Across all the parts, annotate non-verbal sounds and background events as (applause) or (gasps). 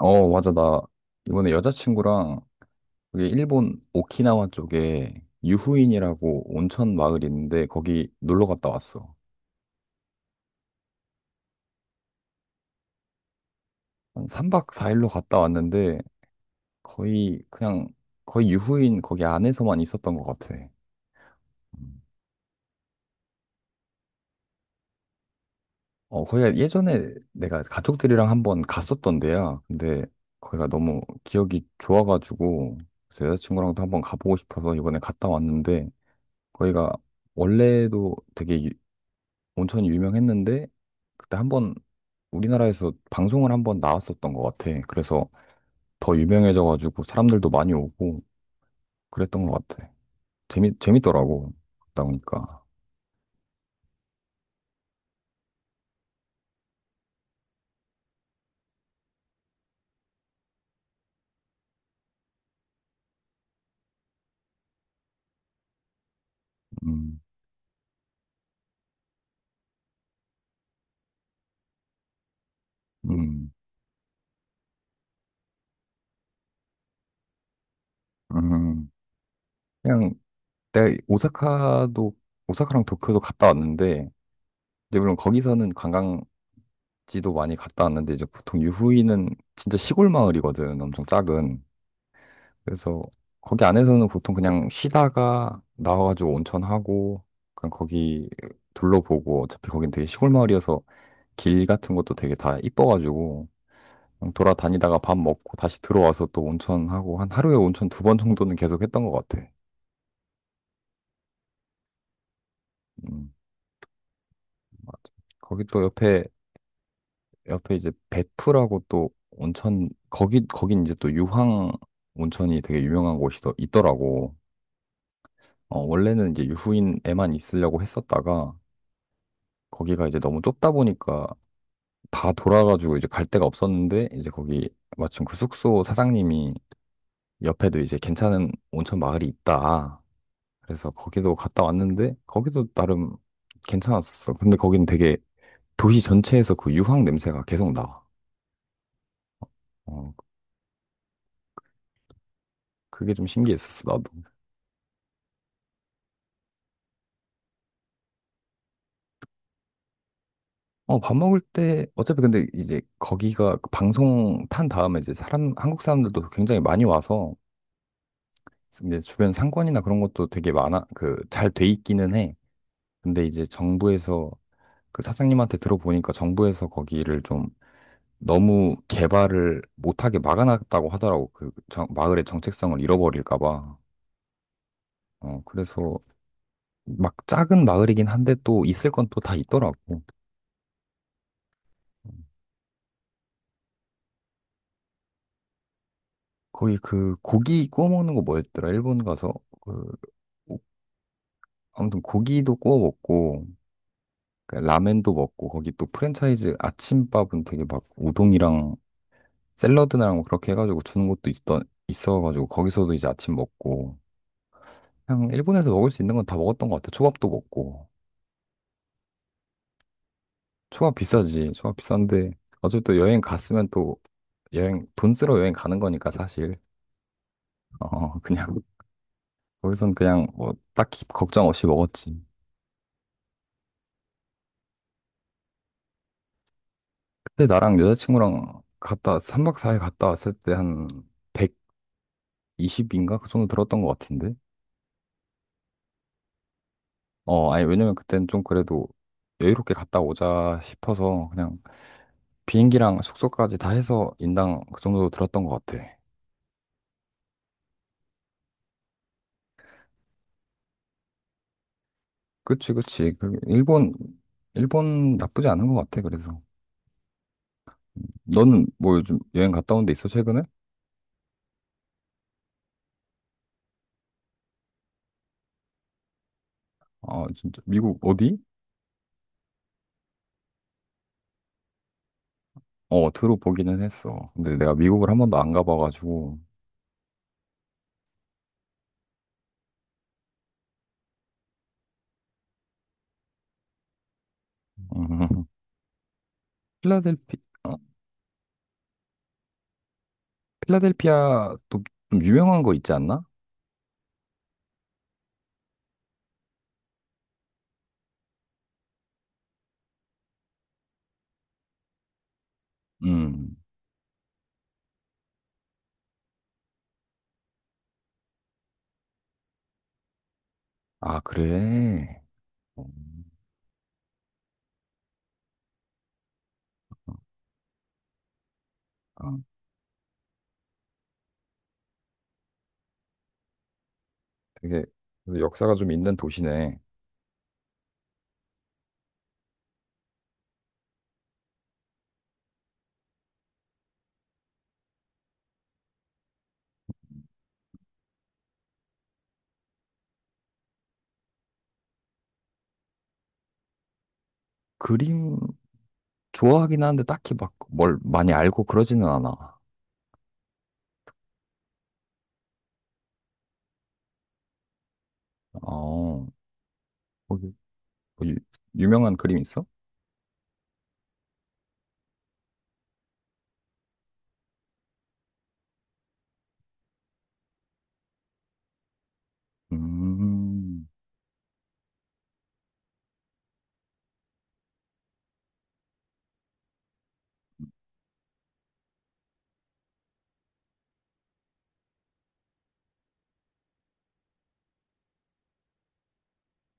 어, 맞아. 나 이번에 여자친구랑 그게 일본 오키나와 쪽에 유후인이라고 온천 마을이 있는데 거기 놀러 갔다 왔어. 한 3박 4일로 갔다 왔는데 거의 그냥 거의 유후인 거기 안에서만 있었던 것 같아. 음. 어, 거기가 예전에 내가 가족들이랑 한번 갔었던 데야. 근데 거기가 너무 기억이 좋아가지고 그래서 여자친구랑도 한번 가보고 싶어서 이번에 갔다 왔는데 거기가 원래도 되게 온천이 유명했는데 그때 한 번 우리나라에서 방송을 한 번 나왔었던 것 같아. 그래서 더 유명해져가지고 사람들도 많이 오고 그랬던 것 같아. 재미 재밌더라고. 갔다 오니까. 음, 음, 음. 그냥 내가 오사카도 오사카랑 도쿄도 갔다 왔는데 이제 물론 거기서는 관광지도 많이 갔다 왔는데 이제 보통 유후이는 진짜 시골 마을이거든. 엄청 작은. 그래서 거기 안에서는 보통 그냥 쉬다가 나와가지고 온천하고 그냥 거기 둘러보고 어차피 거긴 되게 시골 마을이어서 길 같은 것도 되게 다 이뻐가지고 그냥 돌아다니다가 밥 먹고 다시 들어와서 또 온천하고 한 하루에 온천 두 번 정도는 계속 했던 것 같아. 음, 맞아. 거기 또 옆에 이제 베프라고 또 온천 거기 거긴 이제 또 유황 온천이 되게 유명한 곳이 더 있더라고. 어, 원래는 이제 유후인에만 있으려고 했었다가 거기가 이제 너무 좁다 보니까 다 돌아가지고 이제 갈 데가 없었는데 이제 거기 마침 그 숙소 사장님이 옆에도 이제 괜찮은 온천 마을이 있다. 그래서 거기도 갔다 왔는데 거기도 나름 괜찮았었어. 근데 거기는 되게 도시 전체에서 그 유황 냄새가 계속 나. 어, 그게 좀 신기했었어, 나도. 어, 밥 먹을 때 어차피 근데 이제 거기가 그 방송 탄 다음에 이제 사람 한국 사람들도 굉장히 많이 와서 이제 주변 상권이나 그런 것도 되게 많아 그 잘 돼 있기는 해. 근데 이제 정부에서 그 사장님한테 들어보니까 정부에서 거기를 좀 너무 개발을 못하게 막아놨다고 하더라고. 마을의 정체성을 잃어버릴까 봐. 어, 그래서 막 작은 마을이긴 한데 또 있을 건 또 다 있더라고. 거기 그 고기 구워 먹는 거 뭐였더라? 일본 가서 그 오- 아무튼 고기도 구워 먹고 그 라멘도 먹고 거기 또 프랜차이즈 아침밥은 되게 막 우동이랑 샐러드랑 뭐 그렇게 해가지고 주는 것도 있던 있어가지고 거기서도 이제 아침 먹고 그냥 일본에서 먹을 수 있는 건 다 먹었던 것 같아. 초밥도 먹고 초밥 비싸지. 초밥 비싼데 어차피 또 여행 갔으면 또 여행 돈 쓰러 여행 가는 거니까 사실 어 (laughs) 그냥 거기선 그냥 뭐 딱히 걱정 없이 먹었지. 그때 나랑 여자친구랑 갔다 3박 4일 갔다 왔을 때 한 120인가 그 정도 들었던 것 같은데. 어 아니 왜냐면 그때는 좀 그래도 여유롭게 갔다 오자 싶어서 그냥 비행기랑 숙소까지 다 해서 인당 그 정도 들었던 것 같아. 그치, 그치. 일본 나쁘지 않은 것 같아, 그래서. 너는 뭐 요즘 여행 갔다 온 데 있어, 최근에? 아, 진짜. 미국 어디? 어, 들어보기는 했어. 근데 내가 미국을 한 번도 안 가봐가지고. 음, (laughs) 필라델피, 어? 필라델피아 도 좀 유명한 거 있지 않나? 음. 아, 그래. 어, 아, 되게 역사가 좀 있는 도시네. 그림 좋아하긴 하는데 딱히 막 뭘 많이 알고 그러지는 않아. 어, 거기 뭐 유명한 그림 있어? 음,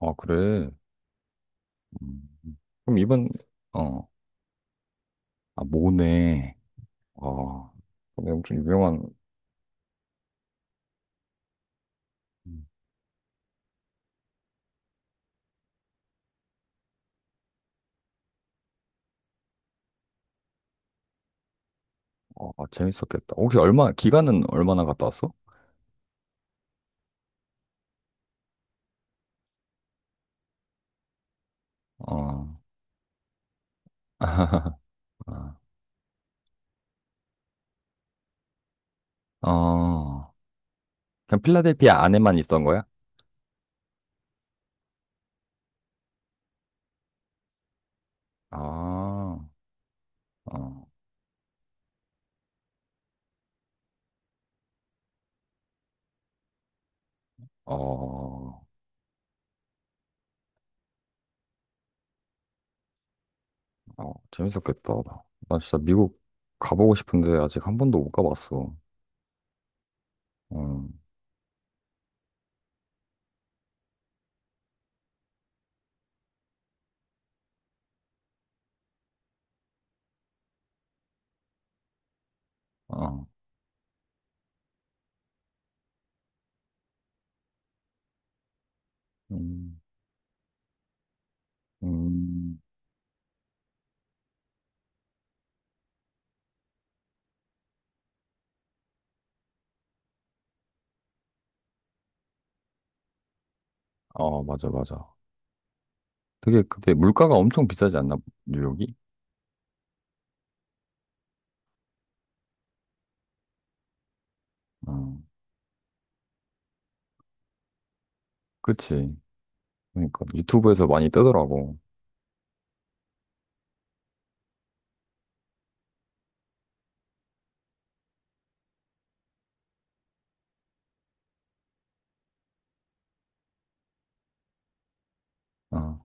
아, 그래. 음. 그럼 이번, 어, 아, 모네. 어, 근데 엄청 유명한, 음. 어, 아, 재밌었겠다. 혹시 얼마, 기간은 얼마나 갔다 왔어? 어, (laughs) 아, 어, 그냥 필라델피아 안에만 있던 거야? 아, 어, 어. 어, 재밌었겠다. 나 진짜 미국 가보고 싶은데 아직 한 번도 못 가봤어. 음, 아, 음, 음, 아, 맞아, 맞아. 되게 그때 물가가 엄청 비싸지 않나, 뉴욕이? 어, 그치. 그러니까 유튜브에서 많이 뜨더라고. 어.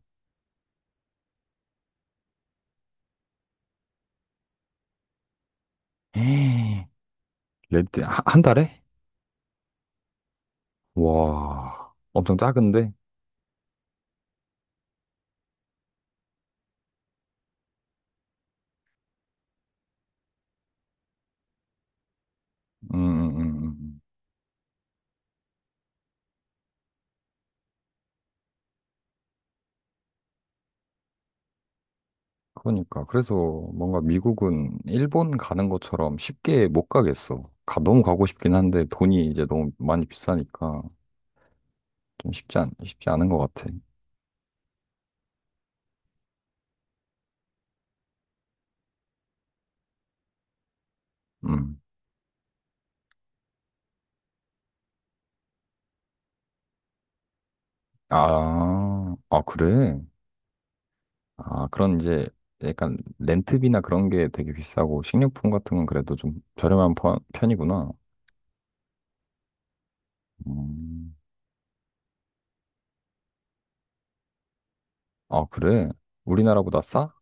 (gasps) 에이, 레드, 한 달에? 와, 엄청 작은데? 음. 음. 그러니까 그래서 뭔가 미국은 일본 가는 것처럼 쉽게 못 가겠어. 가, 너무 가고 싶긴 한데 돈이 이제 너무 많이 비싸니까 좀 쉽지 않은 것 같아. 음. 아, 아 그래? 아 그런 이제 약간 렌트비나 그런 게 되게 비싸고 식료품 같은 건 그래도 좀 저렴한 편이구나. 음. 아 그래? 우리나라보다 싸?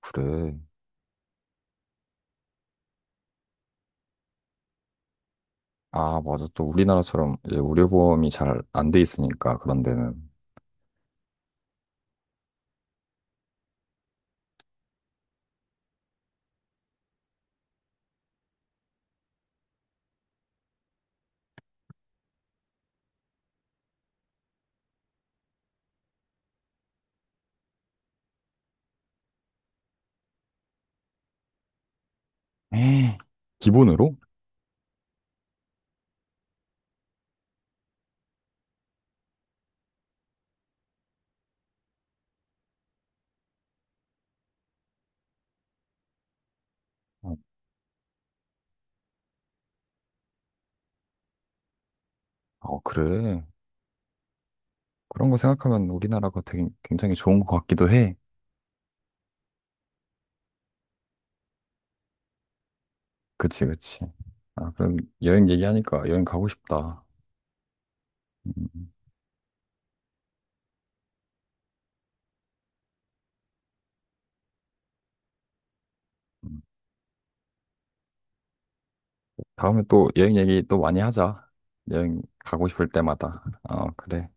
그래. 아 맞아 또 우리나라처럼 이제 의료보험이 잘 안 돼 있으니까 그런 데는. 에 기본으로? 어, 어, 그래. 그런 거 생각하면 우리나라가 되게 굉장히 좋은 것 같기도 해. 그치, 그치. 아, 그럼 여행 얘기하니까 여행 가고 싶다. 음, 음. 음. 다음에 또 여행 얘기 또 많이 하자. 여행 가고 싶을 때마다. 어, 그래.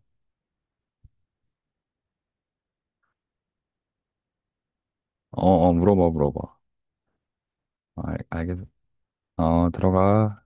어, 어, 물어봐, 물어봐. 알겠어. 어, 들어가.